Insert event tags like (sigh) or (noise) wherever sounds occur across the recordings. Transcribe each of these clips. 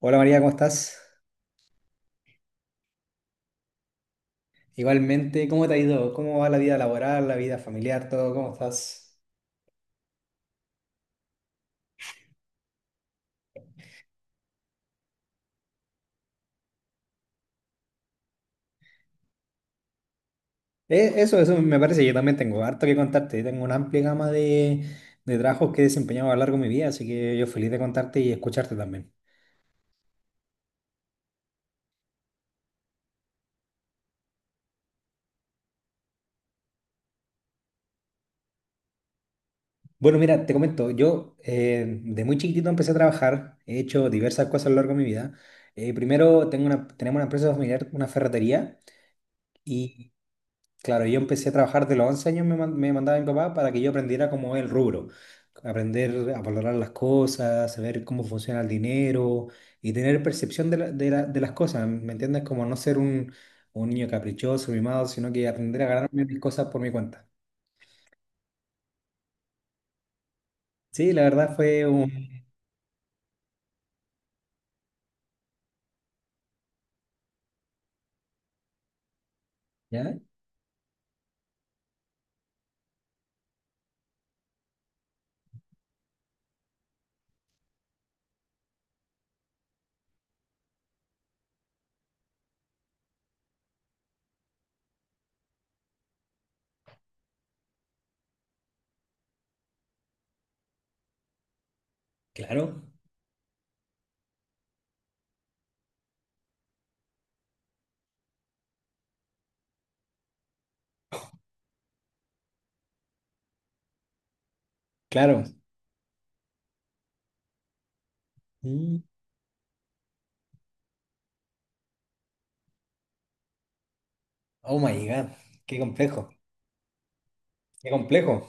Hola María, ¿cómo estás? Igualmente, ¿cómo te ha ido? ¿Cómo va la vida laboral, la vida familiar, todo? ¿Cómo estás? Eso me parece, yo también tengo harto que contarte. Tengo una amplia gama de trabajos que he desempeñado a lo largo de mi vida, así que yo feliz de contarte y escucharte también. Bueno, mira, te comento, yo de muy chiquitito empecé a trabajar, he hecho diversas cosas a lo largo de mi vida. Primero tenemos una empresa familiar, una ferretería. y Claro, yo empecé a trabajar de los 11 años, me mandaba mi papá para que yo aprendiera cómo es el rubro, aprender a valorar las cosas, saber cómo funciona el dinero y tener percepción de las cosas, ¿me entiendes? Como no ser un niño caprichoso, mimado, sino que aprender a ganarme mis cosas por mi cuenta. Sí, la verdad fue un... ¿Ya? Claro, claro. Mm. Oh my God, qué complejo, qué complejo.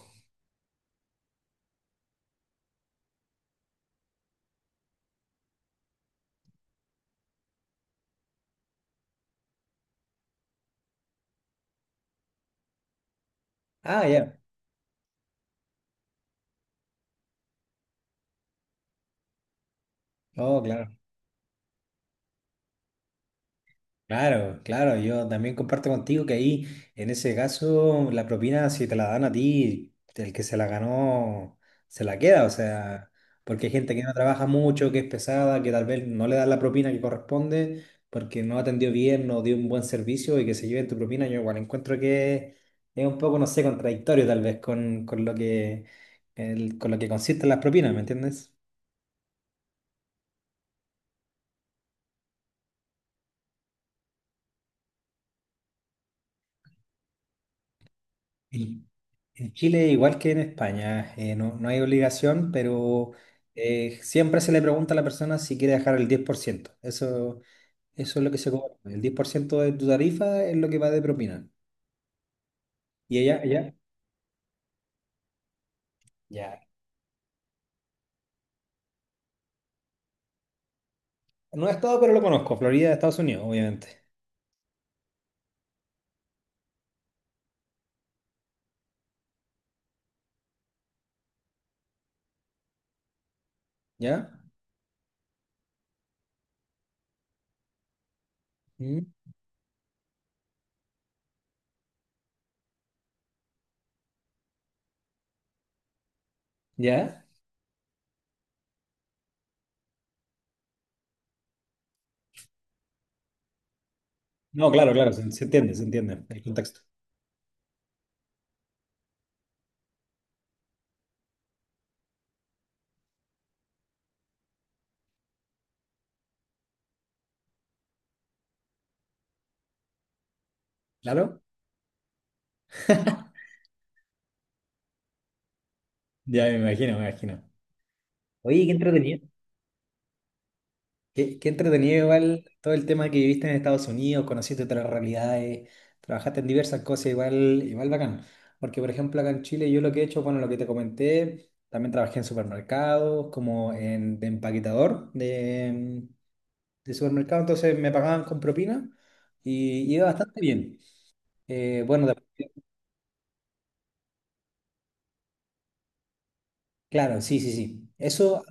Ah, ya. Oh, claro. Claro, claro, yo también comparto contigo que ahí, en ese caso, la propina, si te la dan a ti, el que se la ganó, se la queda, o sea, porque hay gente que no trabaja mucho, que es pesada, que tal vez no le dan la propina que corresponde, porque no atendió bien, no dio un buen servicio y que se lleven tu propina, yo igual encuentro que es un poco, no sé, contradictorio tal vez con lo que consisten las propinas, ¿me entiendes? En en Chile, igual que en España, no, no hay obligación, pero siempre se le pregunta a la persona si quiere dejar el 10%. Eso, eso es lo que se cobra. El 10% de tu tarifa es lo que va de propina. ¿Y ella? ¿Ella? Ya. No he estado, pero lo conozco. Florida, Estados Unidos, obviamente. ¿Ya? ¿Mm? ¿Ya? No, claro, claro, se, se entiende el contexto. ¿Claro? Ya me imagino, me imagino. Oye, qué entretenido. Qué, qué entretenido igual todo el tema que viviste en Estados Unidos, conociste otras realidades, trabajaste en diversas cosas, igual, igual bacán. Porque por ejemplo acá en Chile yo lo que he hecho, bueno, lo que te comenté, también trabajé en supermercados, de empaquetador de supermercado, entonces me pagaban con propina y iba bastante bien. Eh, bueno, de- claro, sí, sí, sí. Eso,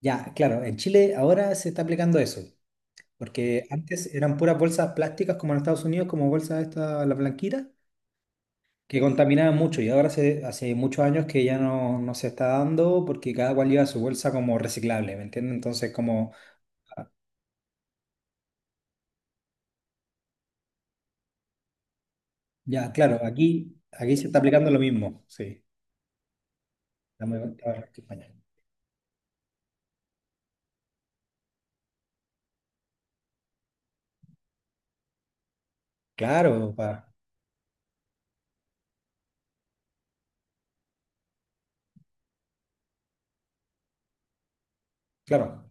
ya, claro, en Chile ahora se está aplicando eso, porque antes eran puras bolsas plásticas como en Estados Unidos, como bolsas esta, la blanquita, que contaminaba mucho y ahora hace, hace muchos años que ya no, no se está dando porque cada cual lleva su bolsa como reciclable, ¿me entiendes? Ah, ya, claro, aquí, aquí se está aplicando lo mismo, sí. Está muy, está muy España. Claro, pa- claro,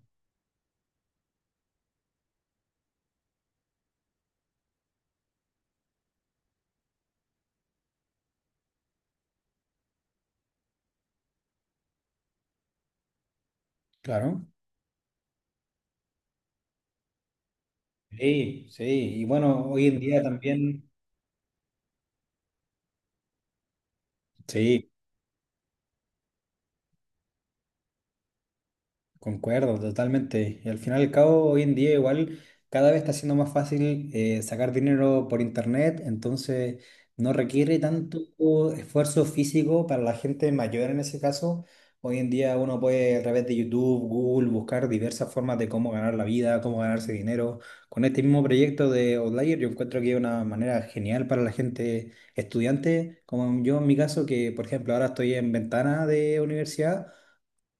claro. Sí, sí, y bueno, hoy en día también, sí. Concuerdo, totalmente. Y al final y al cabo, hoy en día igual cada vez está siendo más fácil sacar dinero por internet, entonces no requiere tanto esfuerzo físico para la gente mayor en ese caso. Hoy en día uno puede a través de YouTube, Google, buscar diversas formas de cómo ganar la vida, cómo ganarse dinero. Con este mismo proyecto de Outlier yo encuentro que es una manera genial para la gente estudiante, como yo en mi caso, que por ejemplo ahora estoy en ventana de universidad.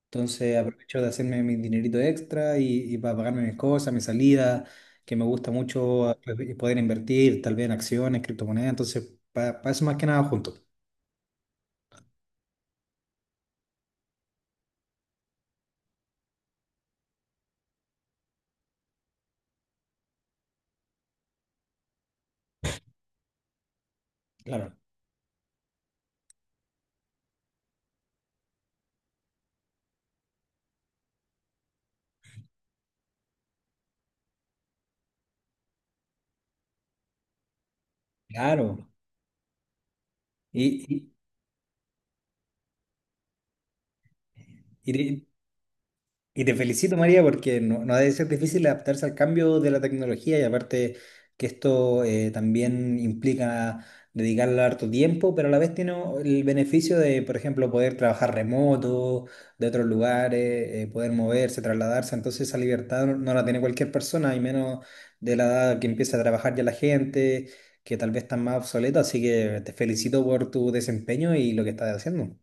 Entonces aprovecho de hacerme mi dinerito extra y para pagarme mis cosas, mi salida, que me gusta mucho pues, y poder invertir tal vez en acciones, criptomonedas. Entonces, para eso más que nada junto. Claro. Claro. Y, y, y Y te felicito, María, porque no, no ha de ser difícil adaptarse al cambio de la tecnología y aparte que esto también implica dedicarle harto tiempo, pero a la vez tiene el beneficio de, por ejemplo, poder trabajar remoto, de otros lugares, poder moverse, trasladarse. Entonces esa libertad no, no la tiene cualquier persona, y menos de la edad que empieza a trabajar ya la gente, que tal vez está más obsoleta. Así que te felicito por tu desempeño y lo que estás haciendo.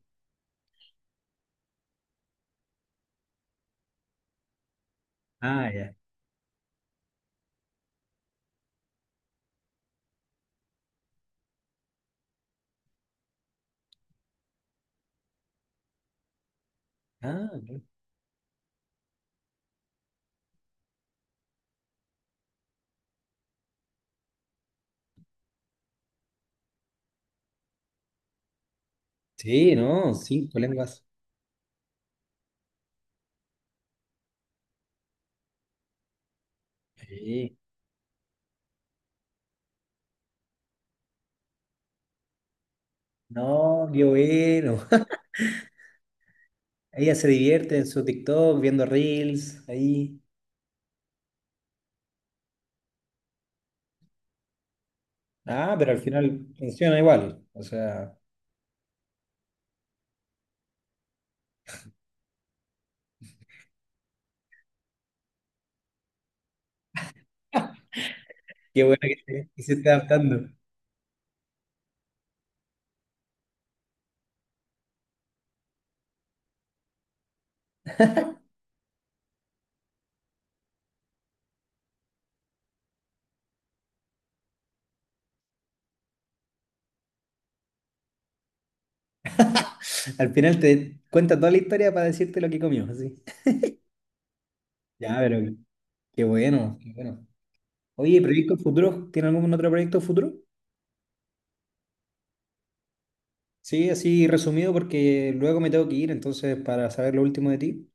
Ah, ya. Ah, ok. Sí, no, 5 lenguas. Sí. No, qué bueno. (laughs) Ella se divierte en su TikTok viendo reels ahí. Ah, pero al final funciona igual. O sea, qué bueno que se esté adaptando. Al final te cuenta toda la historia para decirte lo que comió, así. Ya, pero qué bueno, qué bueno. Oye, ¿proyectos futuros? ¿Tiene algún otro proyecto futuro? Sí, así resumido porque luego me tengo que ir, entonces para saber lo último de ti.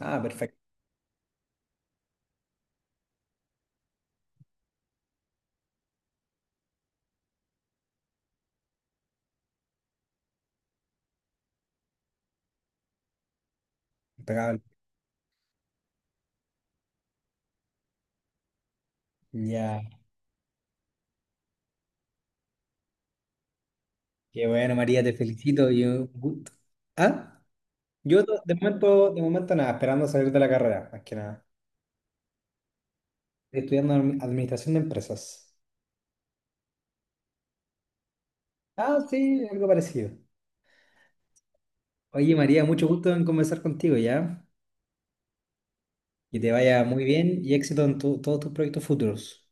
Ah, perfecto. Impecable. Ya. Qué bueno, María, te felicito y un gusto. ¿Ah? De momento, de momento nada, esperando salir de la carrera, más que nada. Administración de empresas. Ah, sí, algo parecido. Oye, María, mucho gusto en conversar contigo, ¿ya? Que te vaya muy bien y éxito en todos tus proyectos futuros.